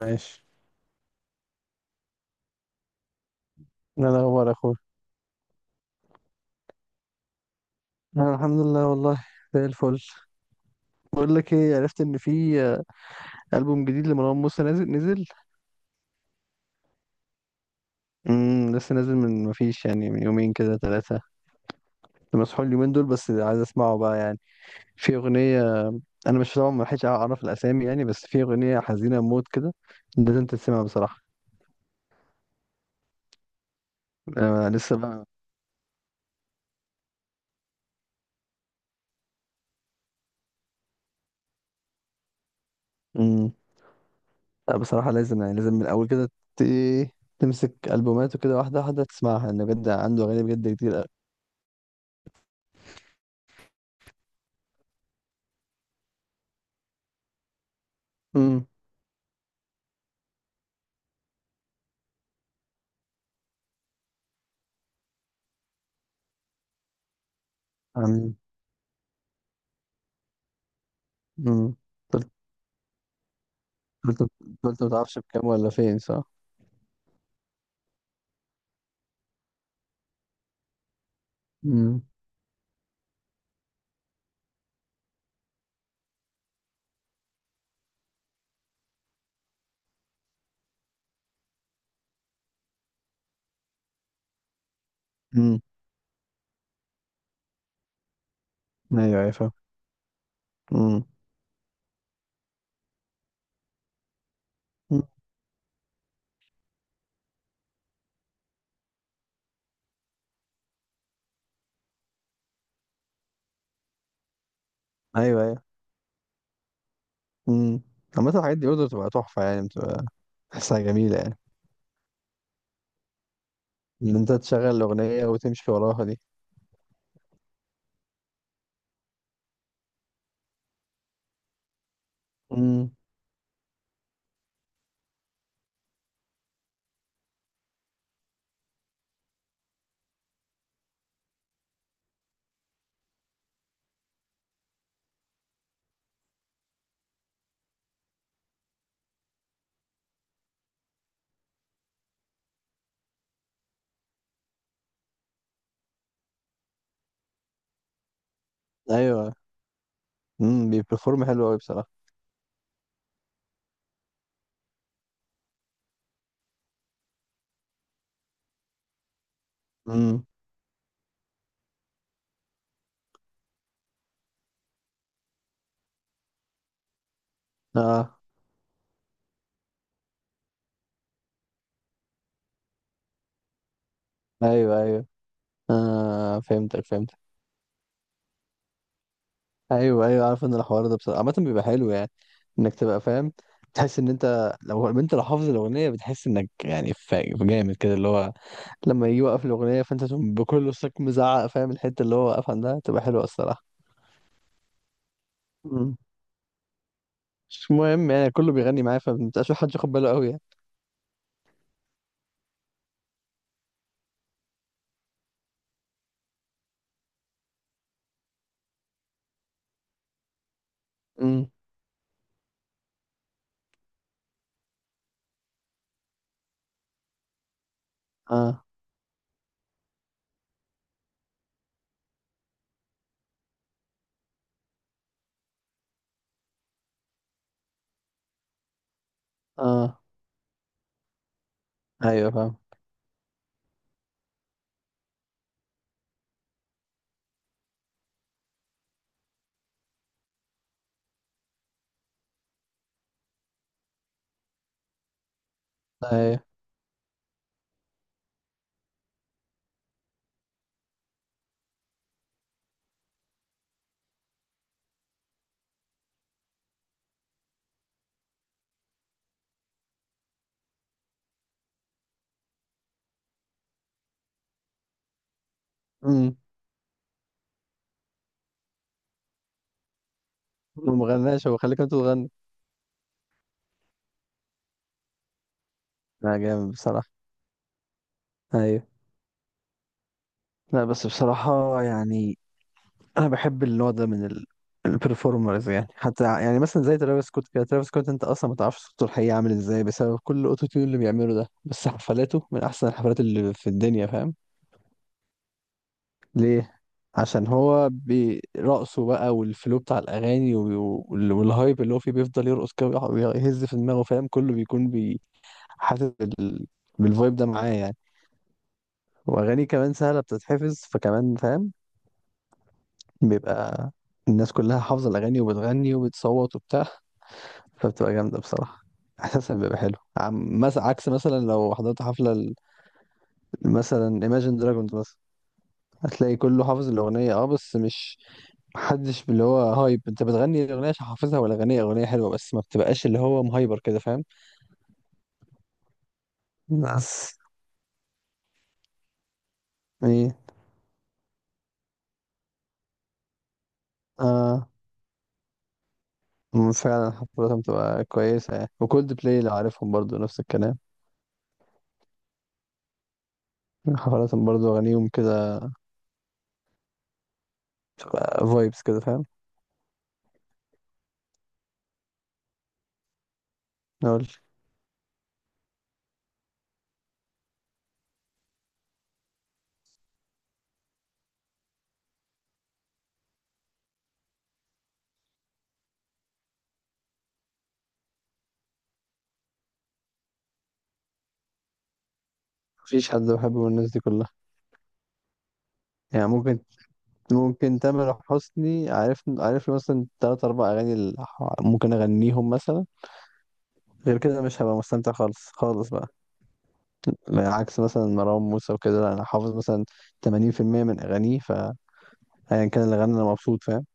ماشي. ايه الاخبار يا اخويا؟ انا الحمد لله والله، زي الفل. بقول لك ايه، عرفت ان في البوم جديد لمروان موسى نازل نزل. لسه نازل من ما فيش يعني، من يومين كده ثلاثه. مسحول اليومين دول، بس عايز اسمعه بقى يعني. في اغنيه، انا مش طبعا ما لحقتش اعرف الاسامي يعني، بس في اغنيه حزينه موت كده، لازم تسمعها بصراحه. أنا لسه بقى. امم لا بصراحه، لازم يعني، لازم من الاول كده ت... إيه، تمسك البوماته كده واحده واحده تسمعها، لان بجد عنده اغاني بجد كتير. امم امم قلت قلت قلت ما تعرفش بكام ولا فين، صح؟ امم امم ايوه ايوه، فاهم. امم. أمم. ايوه ايوه. امم عامة الحاجات دي برضه بتبقى تحفة يعني، بتبقى تحسها جميلة يعني، ان انت تشغل الأغنية وتمشي وراها دي. امم ايوه. بيبرفورم حلو قوي بصراحة. امم. اه، ايوه ايوه. اه فهمتك فهمتك، ايوه ايوه. عارف ان الحوار ده بصراحة عامة بيبقى حلو يعني، انك تبقى فاهم، تحس ان انت، لو حافظ الأغنية بتحس انك يعني جامد كده، اللي هو لما يجي يوقف الأغنية فأنت تقوم بكل صوتك مزعق، فاهم الحتة اللي هو واقف عندها تبقى حلوة الصراحة. مم. مش مهم يعني، كله بيغني معايا فمبقاش حد ياخد باله قوي يعني. مم. اه اه، ايوه فاهم. ايوه. امم ما غناش هو، خليك انت تغني. لا جامد بصراحة. ايوه. لا بس بصراحة يعني، انا بحب النوع ده من البرفورمرز يعني، حتى يعني مثلا زي ترافيس سكوت كده. ترافيس سكوت انت اصلا ما تعرفش صوته الحقيقي عامل ازاي، بسبب كل الاوتو تيون اللي بيعمله ده، بس حفلاته من احسن الحفلات اللي في الدنيا فاهم. ليه؟ عشان هو برقصه بقى، والفلو بتاع الاغاني والهايب اللي هو فيه، بيفضل يرقص كده ويهز في دماغه، فاهم كله بيكون حاسس بالفايب ده معاه يعني. واغاني كمان سهله بتتحفظ، فكمان فاهم بيبقى الناس كلها حافظه الاغاني، وبتغني وبتصوت وبتاع، فبتبقى جامده بصراحه، احساسها بيبقى حلو. عم مثلا عكس مثلا لو حضرت حفله مثلا Imagine Dragons مثلا، هتلاقي كله حافظ الاغنيه، اه بس مش، محدش اللي هو هايب. انت بتغني الاغنيه عشان حافظها، ولا اغنيه حلوه بس ما بتبقاش اللي هو مهايبر كده فاهم. بس ايه؟ اه، فعلا حفلاتهم بتبقى كويسه يعني، وكولد بلاي لو عارفهم برضو نفس الكلام، حفلاتهم برضو اغانيهم كده بتبقى فايبس كده فاهم. نقول، مفيش حد بحبه من الناس دي كلها. يعني ممكن تامر حسني، عارف عارف له مثلا تلات أربع أغاني، اللي ممكن أغنيهم مثلا. غير كده مش هبقى مستمتع، خالص خالص بقى. عكس مثلا مروان موسى وكده، لا انا حافظ مثلا 80% من اغانيه. فايا كان اللي غنى انا مبسوط، فاهم.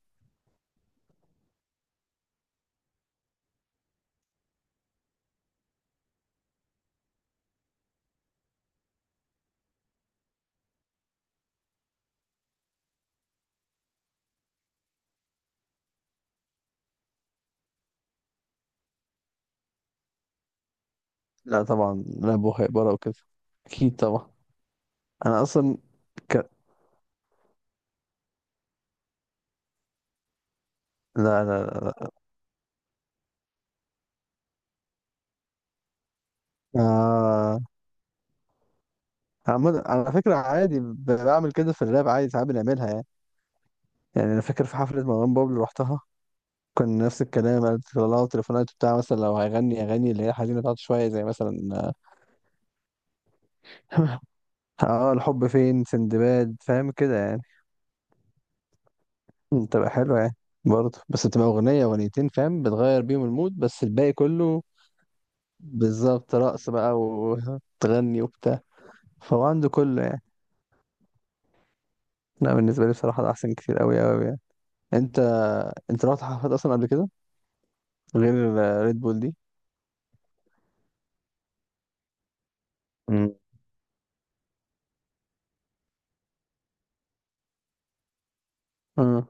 لا طبعا، لا بهاء بره وكده، اكيد طبعا. انا اصلا ك... لا لا لا لا. آه... على فكره عادي، بعمل كده في الراب عادي، ساعات بنعملها يعني. يعني انا فاكر في حفله مروان بابلو رحتها، كان نفس الكلام قالت لها تليفونات بتاع مثلا لو هيغني اغاني اللي هي حزينه بتاعته شويه، زي مثلا اه، الحب فين، سندباد، فاهم كده يعني. مم، تبقى حلوة يعني، برضه بس بتبقى أغنية أغنيتين فاهم، بتغير بيهم المود، بس الباقي كله بالظبط رقص بقى وتغني وبتاع. فهو عنده كله يعني. لا بالنسبة لي بصراحة ده أحسن كتير، أوي أوي يعني. أنت، أنت رحت حفلات أصلا قبل كده، غير ريد بول دي؟ مم. اه.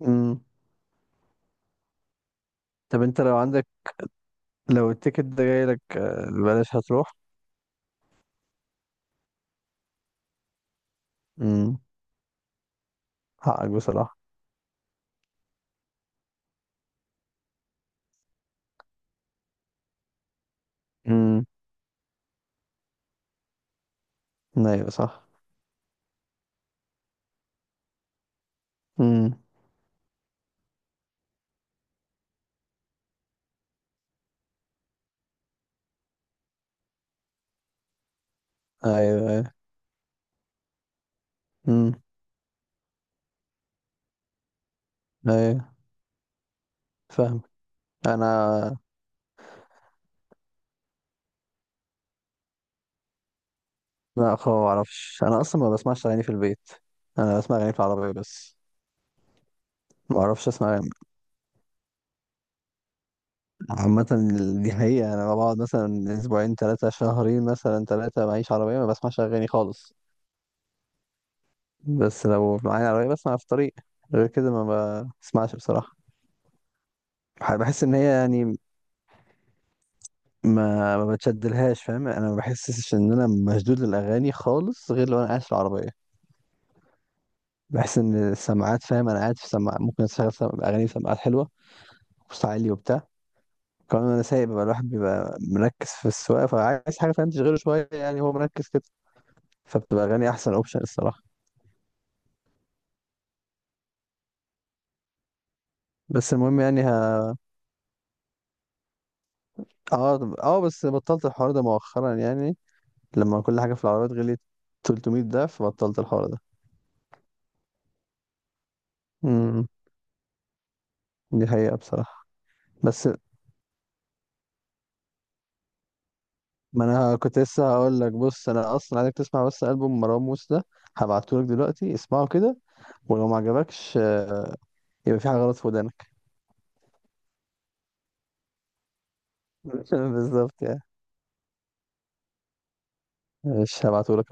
امم طب أنت لو عندك، لو التيكت ده جاي لك بلاش، هتروح؟ امم حقك بصراحة. امم. أيوة صح. امم. أيوة أيوة. امم. أيوة فاهم. أنا، لا خالص، ما اعرفش، انا اصلا ما بسمعش اغاني في البيت، انا بسمع اغاني في العربيه بس. ما اعرفش اسمع أغاني. عامه، دي حقيقه، انا بقعد مثلا اسبوعين ثلاثه، شهرين مثلا ثلاثه، معيش عربيه ما بسمعش اغاني خالص. بس لو معايا عربيه بسمع في الطريق، غير كده ما بسمعش بصراحه. بحس ان هي يعني، ما بتشدلهاش، فاهم انا ما بحسش ان انا مشدود للاغاني خالص، غير لو انا قاعد في العربيه. بحس ان السماعات، فاهم انا قاعد في سماعات، ممكن اشغل اغاني في سماعات حلوه وصوت عالي وبتاع. كمان انا سايق، بيبقى الواحد بيبقى مركز في السواقه، فعايز حاجه فاهم تشغله شويه يعني، هو مركز كده، فبتبقى اغاني احسن اوبشن الصراحه. بس المهم يعني اه اه، بس بطلت الحوار ده مؤخرا يعني، لما كل حاجه في العربيات غليت 300 ضعف، بطلت الحوار ده. امم، دي حقيقه بصراحه. بس، ما انا كنت لسه هقول لك، بص انا اصلا عايزك تسمع بس البوم مروان موسى ده، هبعته لك دلوقتي، اسمعه كده. ولو ما عجبكش يبقى في حاجه غلط في ودانك. بالظبط يعني. مش هبعته لك.